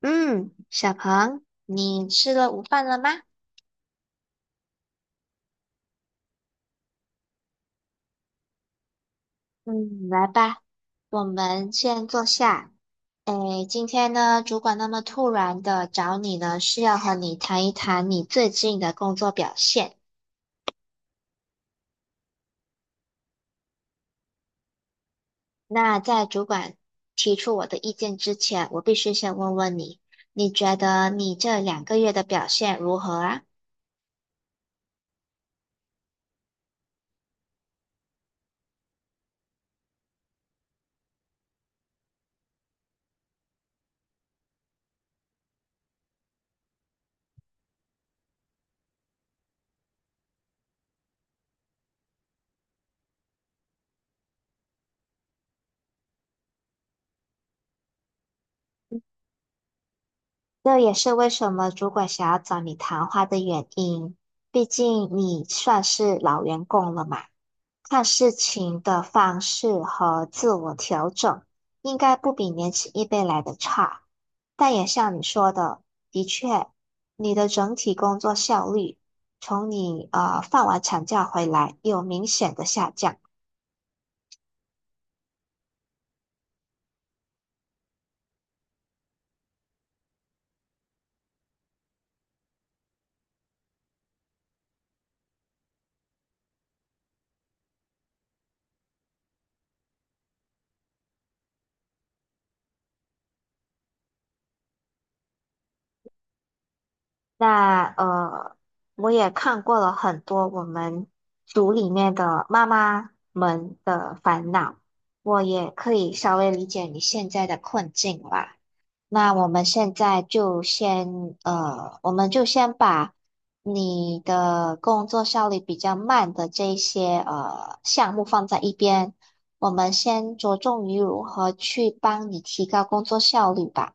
嗯，小鹏，你吃了午饭了吗？嗯，来吧，我们先坐下。诶，今天呢，主管那么突然的找你呢，是要和你谈一谈你最近的工作表现。那在主管提出我的意见之前，我必须先问问你，你觉得你这两个月的表现如何啊？这也是为什么主管想要找你谈话的原因。毕竟你算是老员工了嘛，看事情的方式和自我调整，应该不比年轻一辈来的差。但也像你说的，的确，你的整体工作效率从你放完产假回来有明显的下降。那我也看过了很多我们组里面的妈妈们的烦恼，我也可以稍微理解你现在的困境吧。那我们现在就先，我们就先把你的工作效率比较慢的这一些项目放在一边，我们先着重于如何去帮你提高工作效率吧。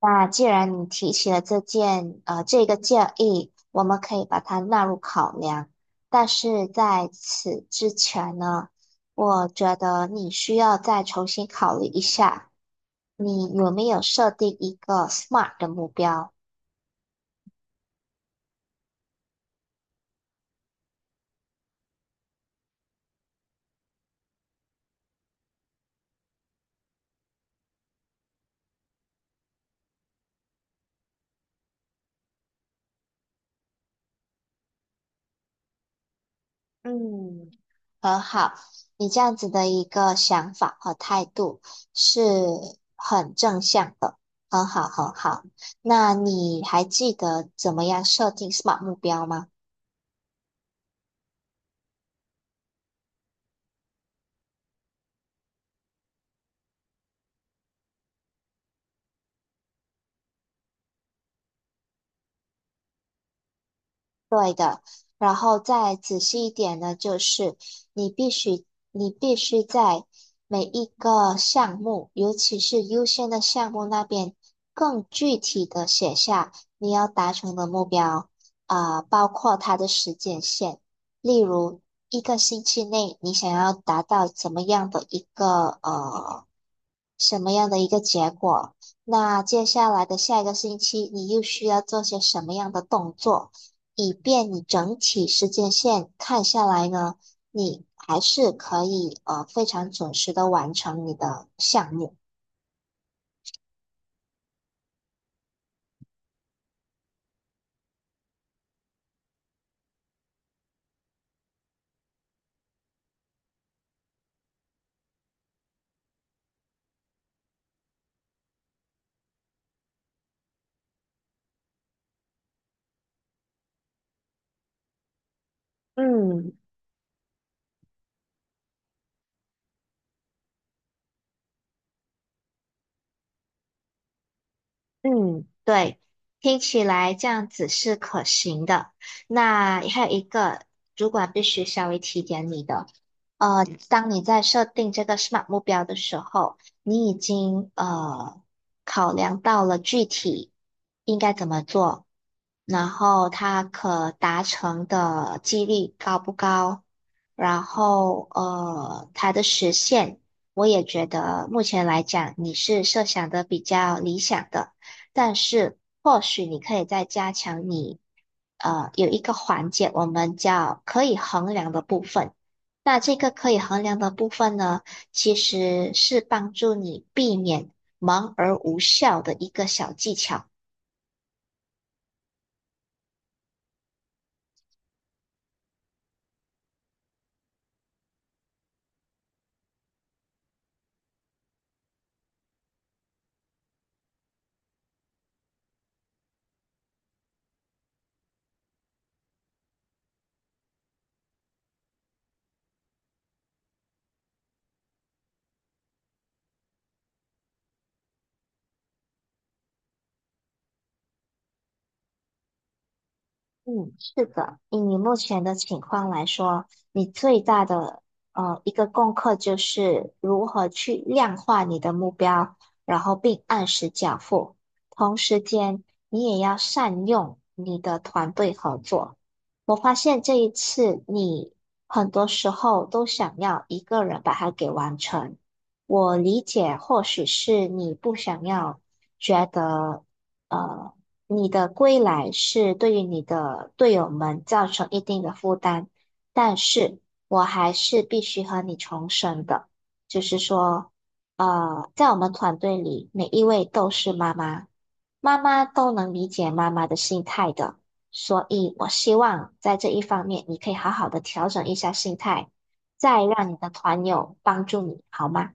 那既然你提起了这件这个建议，我们可以把它纳入考量。但是在此之前呢，我觉得你需要再重新考虑一下，你有没有设定一个 SMART 的目标？嗯，很好，你这样子的一个想法和态度是很正向的，很好很好。那你还记得怎么样设定 SMART 目标吗？然后再仔细一点呢，就是你必须你必须在每一个项目，尤其是优先的项目那边，更具体的写下你要达成的目标，啊、包括它的时间线，例如一个星期内你想要达到怎么样的一个呃什么样的一个结果。那接下来的下一个星期，你又需要做些什么样的动作，以便你整体时间线看下来呢？你还是可以非常准时的完成你的项目。嗯，嗯，对，听起来这样子是可行的。那还有一个，主管必须稍微提点你的，当你在设定这个 SMART 目标的时候，你已经考量到了具体应该怎么做，然后它可达成的几率高不高，然后它的实现，我也觉得目前来讲你是设想的比较理想的。但是或许你可以再加强你，有一个环节我们叫可以衡量的部分。那这个可以衡量的部分呢，其实是帮助你避免忙而无效的一个小技巧。嗯，是的，以你目前的情况来说，你最大的一个功课就是如何去量化你的目标，然后并按时缴付。同时间，你也要善用你的团队合作。我发现这一次你很多时候都想要一个人把它给完成。我理解，或许是你不想要觉得。呃。你的归来是对于你的队友们造成一定的负担，但是我还是必须和你重申的，就是说，在我们团队里，每一位都是妈妈，妈妈都能理解妈妈的心态的，所以我希望在这一方面，你可以好好的调整一下心态，再让你的团友帮助你，好吗？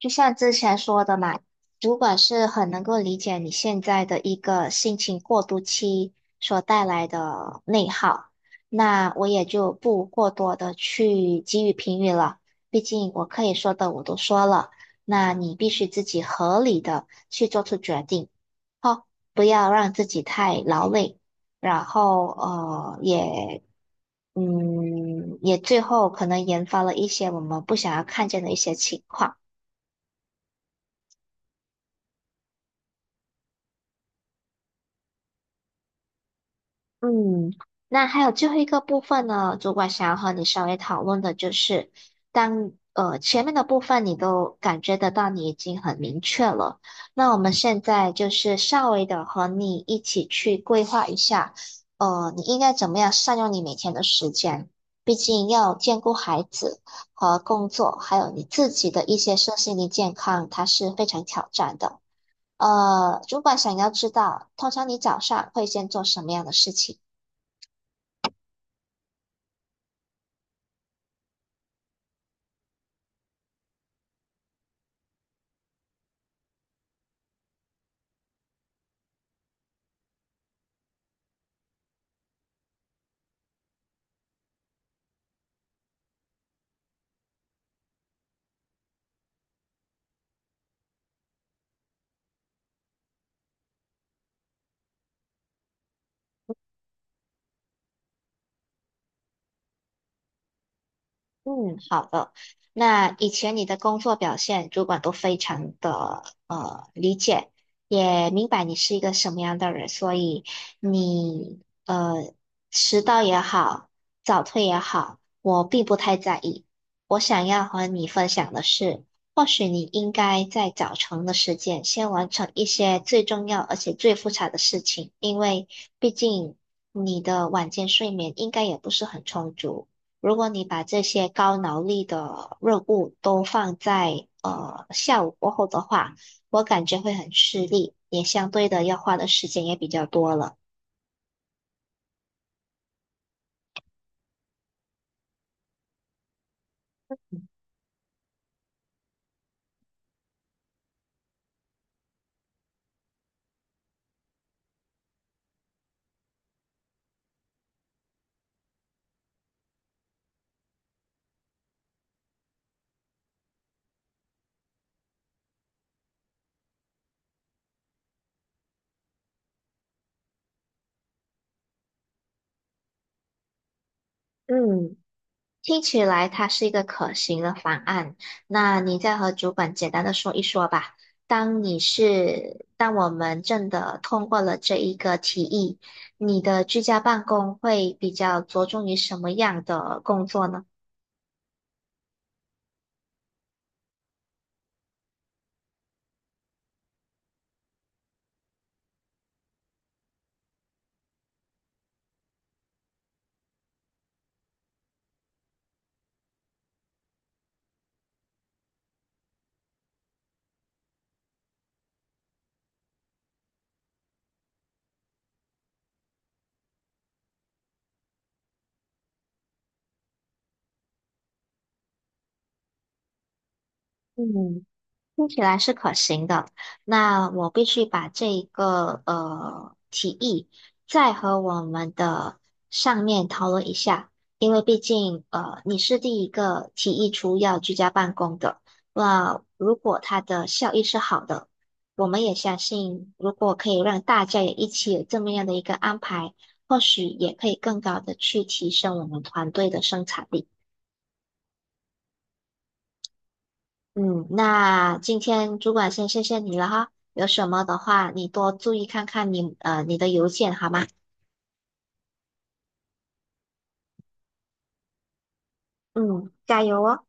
就像之前说的嘛，主管是很能够理解你现在的一个心情过渡期所带来的内耗，那我也就不过多的去给予评语了，毕竟我可以说的我都说了，那你必须自己合理的去做出决定，哦，不要让自己太劳累，然后呃也。嗯，也最后可能研发了一些我们不想要看见的一些情况。嗯，那还有最后一个部分呢，主管想要和你稍微讨论的就是，当前面的部分你都感觉得到你已经很明确了，那我们现在就是稍微的和你一起去规划一下，你应该怎么样善用你每天的时间，毕竟要兼顾孩子和工作，还有你自己的一些身心灵健康，它是非常挑战的。主管想要知道，通常你早上会先做什么样的事情？嗯，好的。那以前你的工作表现，主管都非常的理解，也明白你是一个什么样的人，所以你迟到也好，早退也好，我并不太在意。我想要和你分享的是，或许你应该在早晨的时间先完成一些最重要而且最复杂的事情，因为毕竟你的晚间睡眠应该也不是很充足。如果你把这些高脑力的任务都放在下午过后的话，我感觉会很吃力，也相对的要花的时间也比较多了。嗯，听起来它是一个可行的方案。那你再和主管简单的说一说吧。当你是，当我们真的通过了这一个提议，你的居家办公会比较着重于什么样的工作呢？嗯，听起来是可行的，那我必须把这一个提议再和我们的上面讨论一下，因为毕竟你是第一个提议出要居家办公的，那如果它的效益是好的，我们也相信如果可以让大家也一起有这么样的一个安排，或许也可以更高的去提升我们团队的生产力。嗯，那今天主管先谢谢你了哈，有什么的话你多注意看看你的邮件好吗？嗯，加油哦。